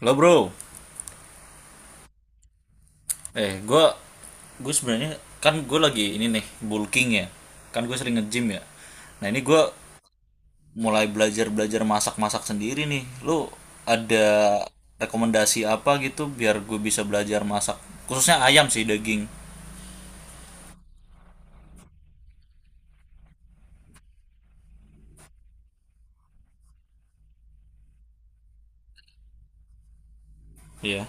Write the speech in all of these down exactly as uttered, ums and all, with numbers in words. Lo bro, eh gue gue sebenarnya kan gue lagi ini nih bulking ya, kan gue sering nge-gym ya. Nah ini gue mulai belajar belajar masak masak sendiri nih. Lo ada rekomendasi apa gitu biar gue bisa belajar masak khususnya ayam sih daging. Iya.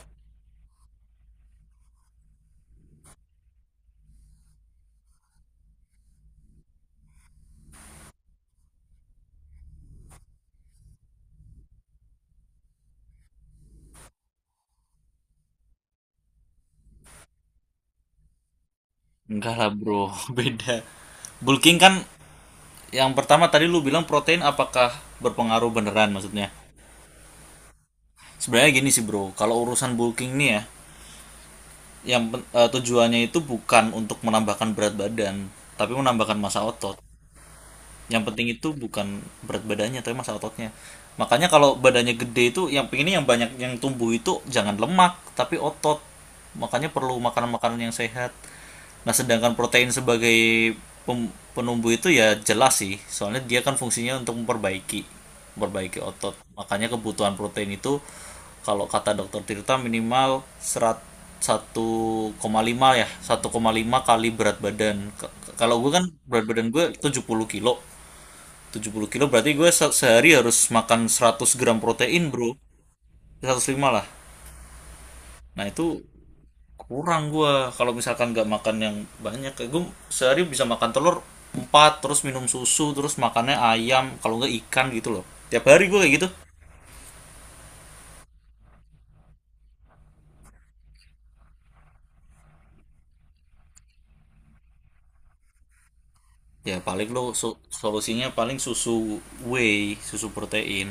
Enggak lah bro, beda. Bulking kan yang pertama tadi lu bilang protein apakah berpengaruh beneran maksudnya? Sebenarnya gini sih bro, kalau urusan bulking nih ya, yang pen- eh, tujuannya itu bukan untuk menambahkan berat badan, tapi menambahkan massa otot. Yang penting itu bukan berat badannya, tapi masa ototnya. Makanya kalau badannya gede itu yang pengennya yang banyak yang tumbuh itu jangan lemak, tapi otot. Makanya perlu makanan-makanan yang sehat. Nah, sedangkan protein sebagai pem- penumbuh itu ya jelas sih, soalnya dia kan fungsinya untuk memperbaiki memperbaiki otot. Makanya kebutuhan protein itu kalau kata dokter Tirta minimal serat satu koma lima ya, satu koma lima kali berat badan. Ke- Kalau gue kan berat badan gue tujuh puluh kilo tujuh puluh kilo berarti gue se- sehari harus makan seratus gram protein bro seratus lima lah nah itu kurang gue kalau misalkan nggak makan yang banyak kayak gue sehari bisa makan telur empat terus minum susu terus makannya ayam kalau nggak ikan gitu loh tiap hari gue kayak gitu. Ya paling lo so- solusinya paling susu whey susu protein.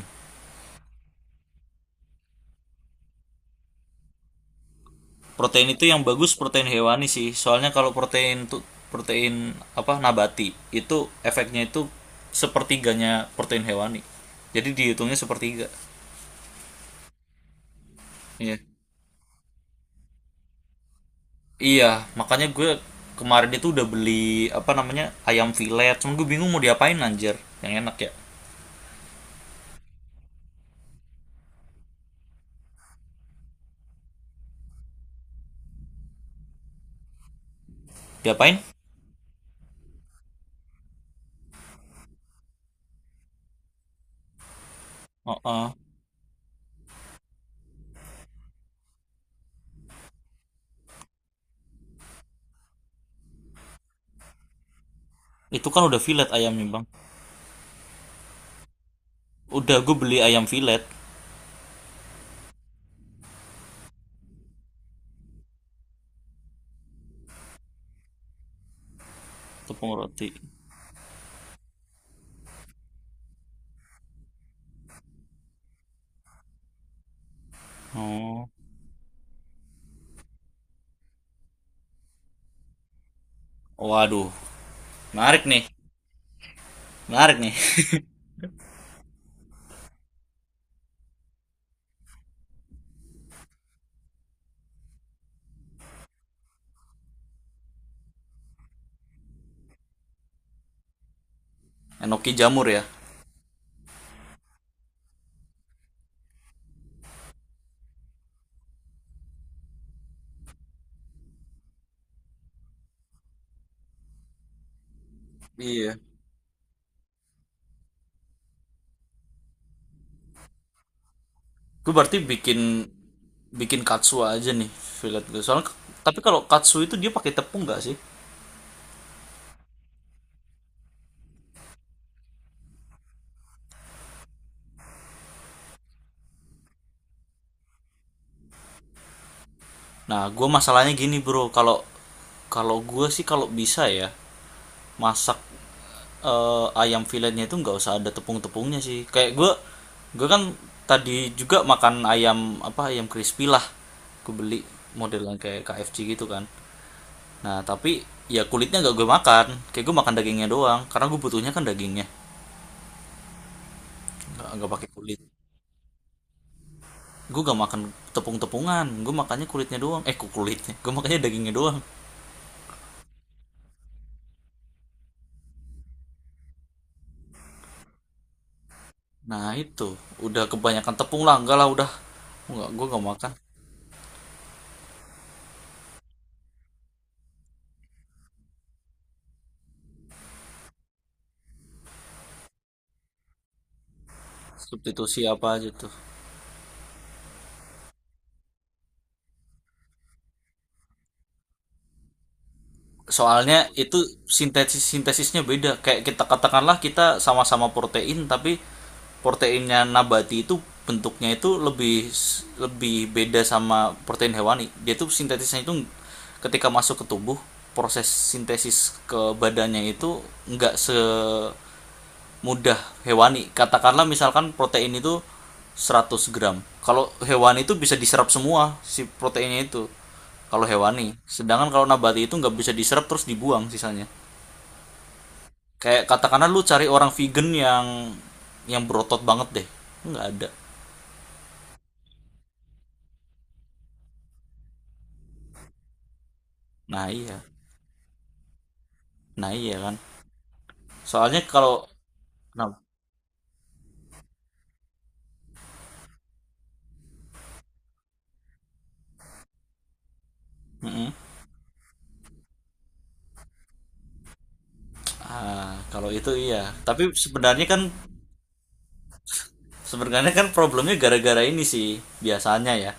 Protein itu yang bagus protein hewani sih. Soalnya kalau protein tuh protein apa nabati itu efeknya itu sepertiganya protein hewani. Jadi dihitungnya sepertiga. Iya. Iya, makanya gue kemarin itu udah beli apa namanya ayam filet. Cuman gue bingung mau diapain anjir. Yang enak ya. Diapain? Oh, oh. Itu kan udah filet ayamnya, Bang. Udah gue beli ayam filet tepung roti. Oh. Waduh, menarik nih. Menarik nih. Enoki jamur ya. Iya. Gue berarti bikin bikin katsu aja nih fillet gue soalnya, tapi kalau katsu itu dia pakai tepung nggak sih? Nah gue masalahnya gini bro, kalau kalau gue sih kalau bisa ya masak eh, ayam filletnya itu nggak usah ada tepung-tepungnya sih. Kayak gue gue kan tadi juga makan ayam apa ayam crispy lah, gue beli modelan kayak K F C gitu kan. Nah tapi ya kulitnya gak gue makan, kayak gue makan dagingnya doang karena gue butuhnya kan dagingnya, nggak nggak pakai kulit. Gue gak makan tepung-tepungan, gue makannya kulitnya doang, eh kok kulitnya, gue makannya dagingnya doang. Nah itu udah kebanyakan tepung lah, enggak lah udah, enggak, gue gak makan. Substitusi apa aja tuh? Soalnya itu sintesis sintesisnya beda, kayak kita katakanlah kita sama-sama protein tapi proteinnya nabati itu bentuknya itu lebih lebih beda sama protein hewani. Dia tuh sintesisnya itu ketika masuk ke tubuh, proses sintesis ke badannya itu enggak se mudah hewani. Katakanlah misalkan protein itu seratus gram. Kalau hewani itu bisa diserap semua si proteinnya itu. Kalau hewani. Sedangkan kalau nabati itu nggak bisa diserap, terus dibuang sisanya. Kayak katakanlah lu cari orang vegan yang yang berotot banget deh. Nggak ada. Nah iya. Nah iya kan. Soalnya kalau nah, mm-mm. Ah, kalau itu iya. Tapi sebenarnya kan sebenarnya kan problemnya gara-gara ini sih biasanya ya,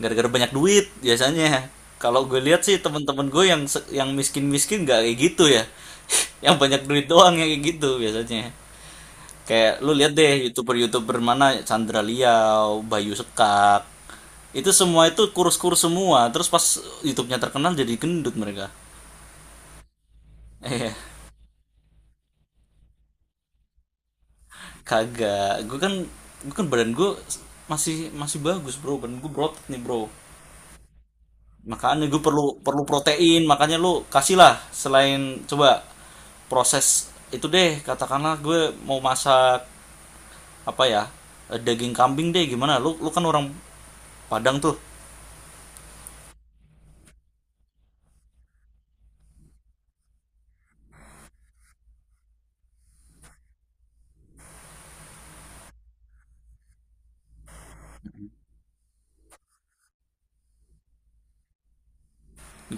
gara-gara banyak duit biasanya. Kalau gue lihat sih temen-temen gue yang se- yang miskin-miskin gak kayak gitu ya, yang banyak duit doang yang kayak gitu biasanya. Kayak lu lihat deh youtuber-youtuber mana, Chandra Liau, Bayu Sekak, itu semua itu kurus-kurus semua terus pas YouTube-nya terkenal jadi gendut mereka. Eh kagak, gue kan gue kan badan gue masih masih bagus bro, badan gue berotot nih bro. Makanya gue perlu perlu protein, makanya lu kasihlah selain coba proses itu deh, katakanlah gue mau masak apa ya? eh, Daging kambing deh gimana? Lu lu kan orang Padang tuh,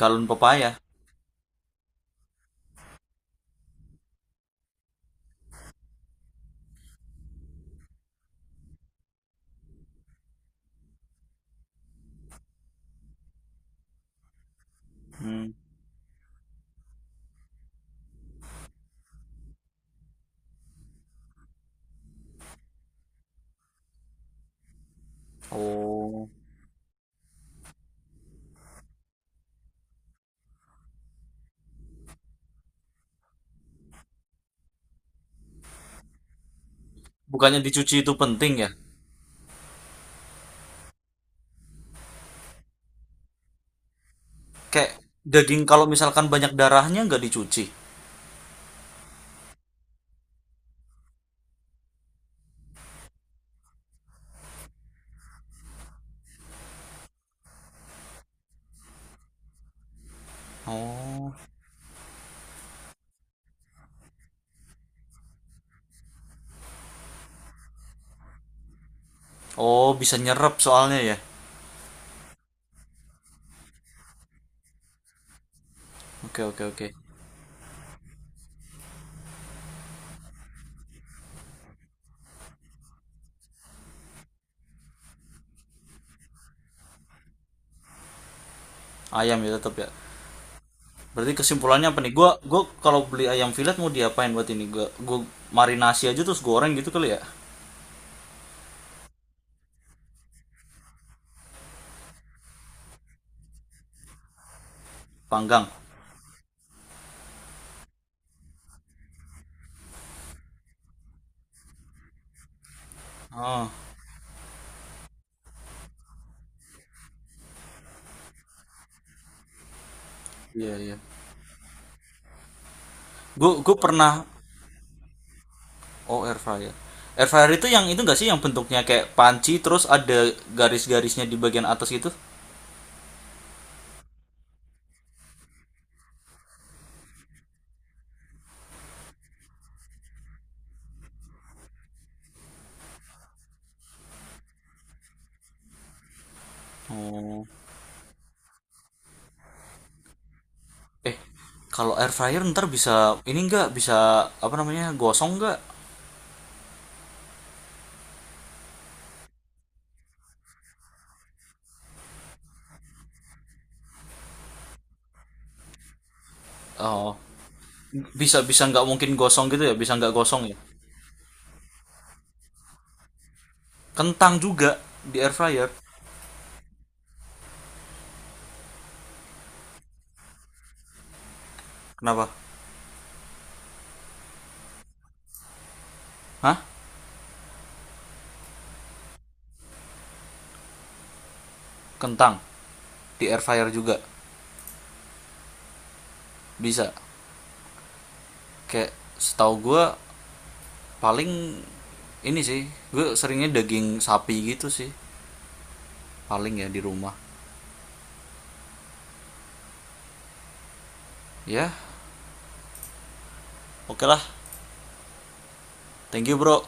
galon pepaya. Hmm. Oh. Bukannya dicuci itu penting ya? Kayak daging kalau misalkan banyak darahnya nggak dicuci. Oh. Oh, bisa nyerap soalnya ya. Oke, oke, oke. Ayam ya tetap ya. Berarti kesimpulannya apa nih? Gua gua kalau beli ayam fillet mau diapain buat ini? Gua gua marinasi aja terus goreng gitu kali ya. Panggang. Oh, iya iya. Gua gua pernah oh air fryer. Air fryer itu yang itu enggak sih yang bentuknya kayak panci terus ada garis-garisnya di bagian atas gitu? Oh. Eh, kalau air fryer ntar bisa ini enggak, bisa apa namanya gosong enggak? Oh, bisa bisa nggak mungkin gosong gitu ya? Bisa nggak gosong ya? Kentang juga di air fryer. Kenapa? Hah? Kentang di air fryer juga bisa, kayak setahu gue paling ini sih, gue seringnya daging sapi gitu sih paling ya di rumah ya. Oke lah, thank you bro.